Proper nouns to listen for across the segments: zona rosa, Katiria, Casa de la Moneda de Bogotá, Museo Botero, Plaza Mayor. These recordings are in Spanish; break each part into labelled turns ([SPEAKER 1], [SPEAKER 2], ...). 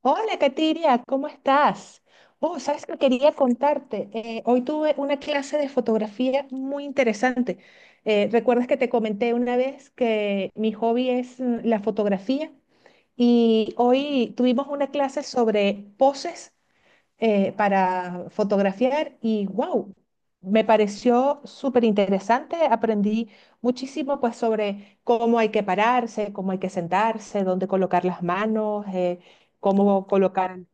[SPEAKER 1] Hola, Katiria, ¿cómo estás? Oh, sabes que quería contarte. Hoy tuve una clase de fotografía muy interesante. ¿Recuerdas que te comenté una vez que mi hobby es la fotografía? Y hoy tuvimos una clase sobre poses para fotografiar, y wow, me pareció súper interesante. Aprendí muchísimo pues sobre cómo hay que pararse, cómo hay que sentarse, dónde colocar las manos, cómo colocar el...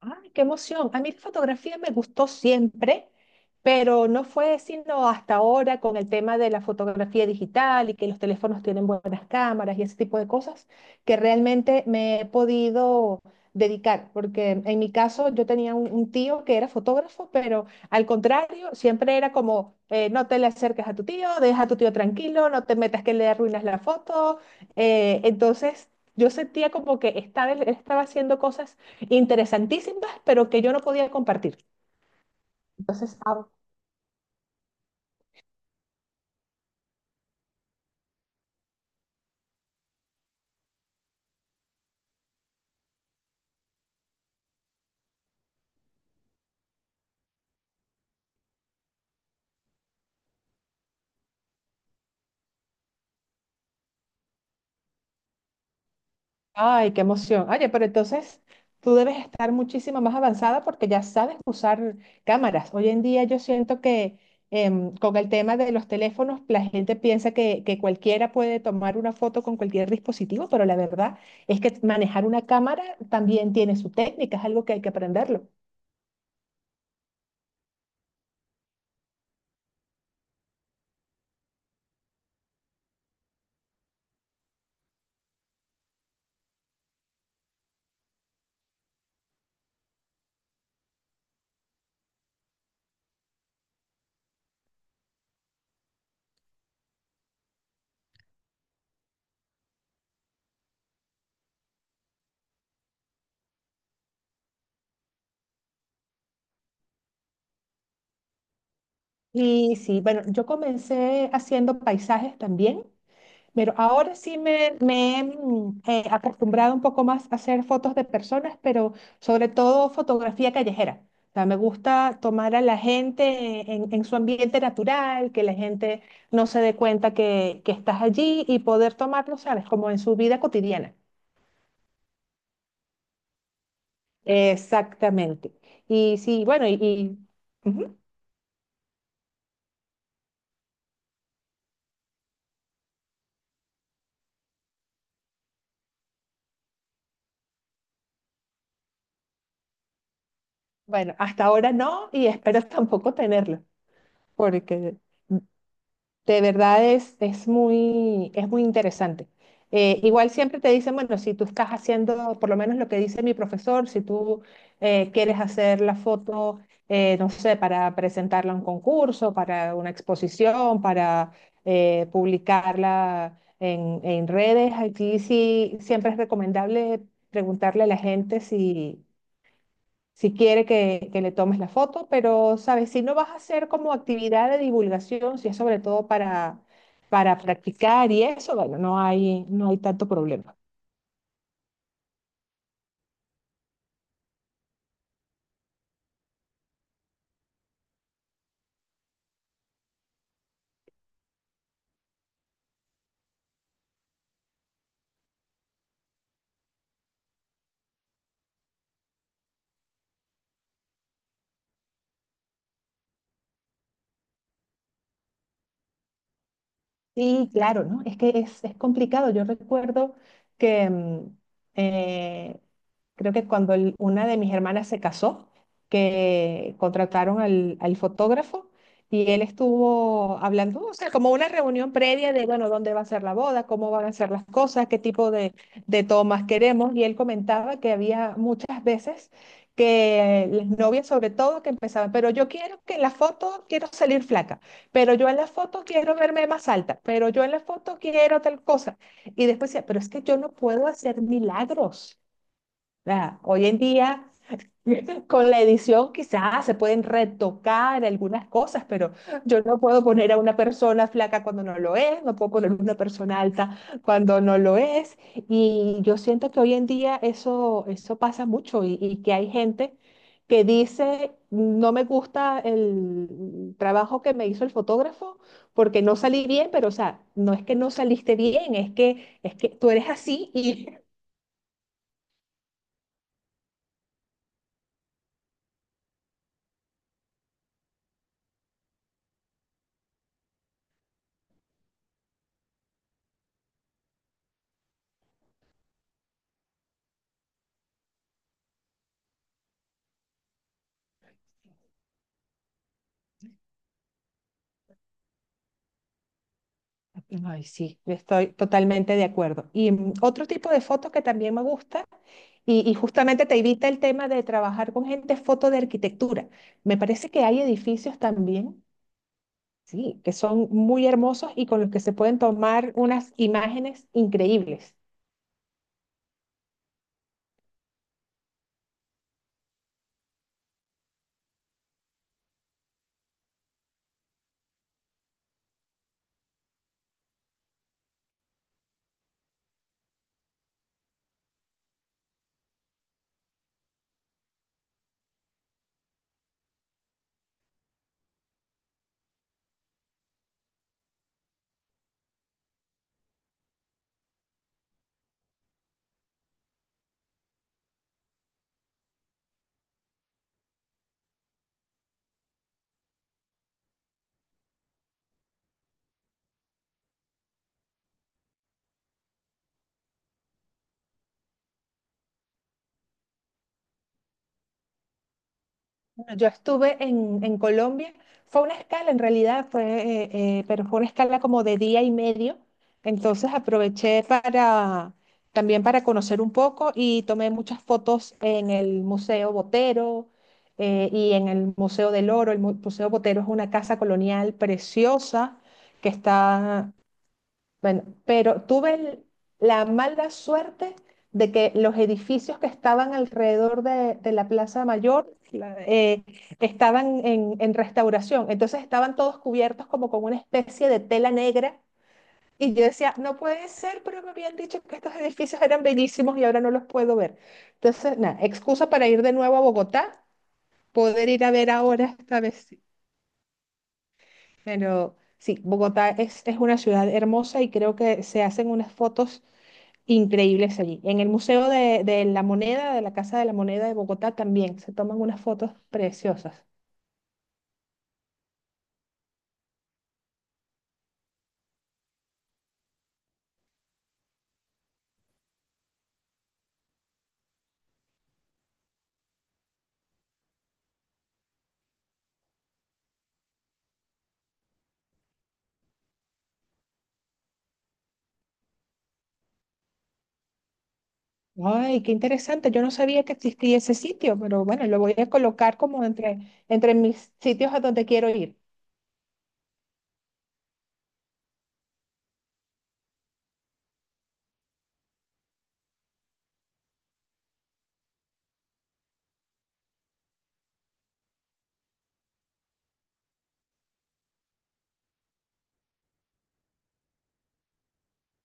[SPEAKER 1] Ay, qué emoción. A mí la fotografía me gustó siempre, pero no fue sino hasta ahora, con el tema de la fotografía digital y que los teléfonos tienen buenas cámaras y ese tipo de cosas, que realmente me he podido dedicar, porque en mi caso yo tenía un tío que era fotógrafo, pero al contrario, siempre era como, no te le acerques a tu tío, deja a tu tío tranquilo, no te metas que le arruinas la foto. Eh, entonces... Yo sentía como que él estaba haciendo cosas interesantísimas, pero que yo no podía compartir. Entonces, ah, ay, qué emoción. Oye, pero entonces tú debes estar muchísimo más avanzada porque ya sabes usar cámaras. Hoy en día yo siento que con el tema de los teléfonos, la gente piensa que cualquiera puede tomar una foto con cualquier dispositivo, pero la verdad es que manejar una cámara también tiene su técnica, es algo que hay que aprenderlo. Y sí, bueno, yo comencé haciendo paisajes también. Pero ahora sí me he acostumbrado un poco más a hacer fotos de personas, pero sobre todo fotografía callejera. O sea, me gusta tomar a la gente en su ambiente natural, que la gente no se dé cuenta que estás allí y poder tomarlo, ¿sabes? Como en su vida cotidiana. Exactamente. Y sí, bueno, ujú. Bueno, hasta ahora no, y espero tampoco tenerlo, porque... de verdad es muy interesante. Igual siempre te dicen, bueno, si tú estás haciendo, por lo menos lo que dice mi profesor, si tú quieres hacer la foto, no sé, para presentarla a un concurso, para una exposición, para publicarla en redes, aquí sí siempre es recomendable preguntarle a la gente si quiere que le tomes la foto, pero, ¿sabes? Si no vas a hacer como actividad de divulgación, si es sobre todo para practicar y eso, bueno, no hay tanto problema. Sí, claro, ¿no? Es que es complicado. Yo recuerdo que eh, creo que una de mis hermanas se casó, que contrataron al fotógrafo, y él estuvo hablando, o sea, como una reunión previa de, bueno, dónde va a ser la boda, cómo van a ser las cosas, qué tipo de tomas queremos. Y él comentaba que había muchas veces que las novias, sobre todo, que empezaban, pero yo quiero que en la foto quiero salir flaca, pero yo en la foto quiero verme más alta, pero yo en la foto quiero tal cosa. Y después decía, pero es que yo no puedo hacer milagros. O sea, hoy en día, con la edición quizás se pueden retocar algunas cosas, pero yo no puedo poner a una persona flaca cuando no lo es, no puedo poner una persona alta cuando no lo es. Y yo siento que hoy en día eso, eso pasa mucho, y que hay gente que dice, no me gusta el trabajo que me hizo el fotógrafo porque no salí bien, pero o sea, no es que no saliste bien, es es que tú eres así y... ay, sí, yo estoy totalmente de acuerdo. Y otro tipo de foto que también me gusta, y justamente te evita el tema de trabajar con gente, es foto de arquitectura. Me parece que hay edificios también, sí, que son muy hermosos y con los que se pueden tomar unas imágenes increíbles. Bueno, yo estuve en Colombia, fue una escala en realidad, pero fue una escala como de día y medio, entonces aproveché para también para conocer un poco, y tomé muchas fotos en el Museo Botero, y en el Museo del Oro. El Museo Botero es una casa colonial preciosa que está... bueno, pero tuve la mala suerte de que los edificios que estaban alrededor de la Plaza Mayor estaban en restauración, entonces estaban todos cubiertos como con una especie de tela negra, y yo decía, no puede ser, pero me habían dicho que estos edificios eran bellísimos y ahora no los puedo ver. Entonces, nada, excusa para ir de nuevo a Bogotá, poder ir a ver ahora, esta vez sí. Pero sí, Bogotá es una ciudad hermosa y creo que se hacen unas fotos increíbles allí. En el Museo de la Moneda, de la Casa de la Moneda de Bogotá también se toman unas fotos preciosas. Ay, qué interesante. Yo no sabía que existía ese sitio, pero bueno, lo voy a colocar como entre mis sitios a donde quiero ir.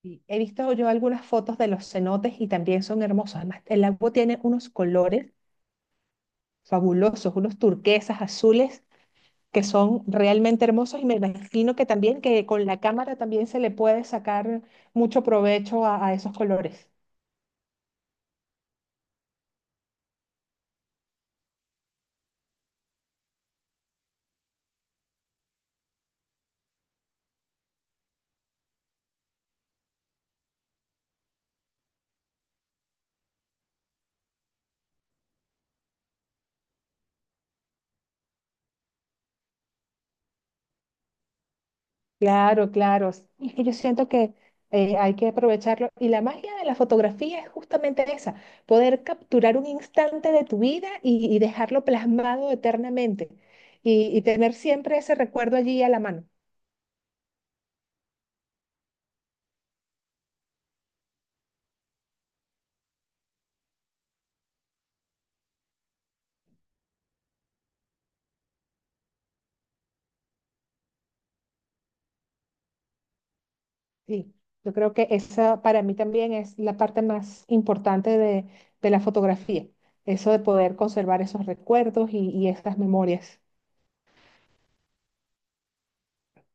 [SPEAKER 1] Y he visto yo algunas fotos de los cenotes y también son hermosos. Además, el agua tiene unos colores fabulosos, unos turquesas, azules, que son realmente hermosos, y me imagino que también que con la cámara también se le puede sacar mucho provecho a esos colores. Claro, claro. Sí, es que yo siento que hay que aprovecharlo. Y la magia de la fotografía es justamente esa, poder capturar un instante de tu vida y dejarlo plasmado eternamente, y tener siempre ese recuerdo allí a la mano. Sí, yo creo que esa para mí también es la parte más importante de la fotografía, eso de poder conservar esos recuerdos y esas memorias.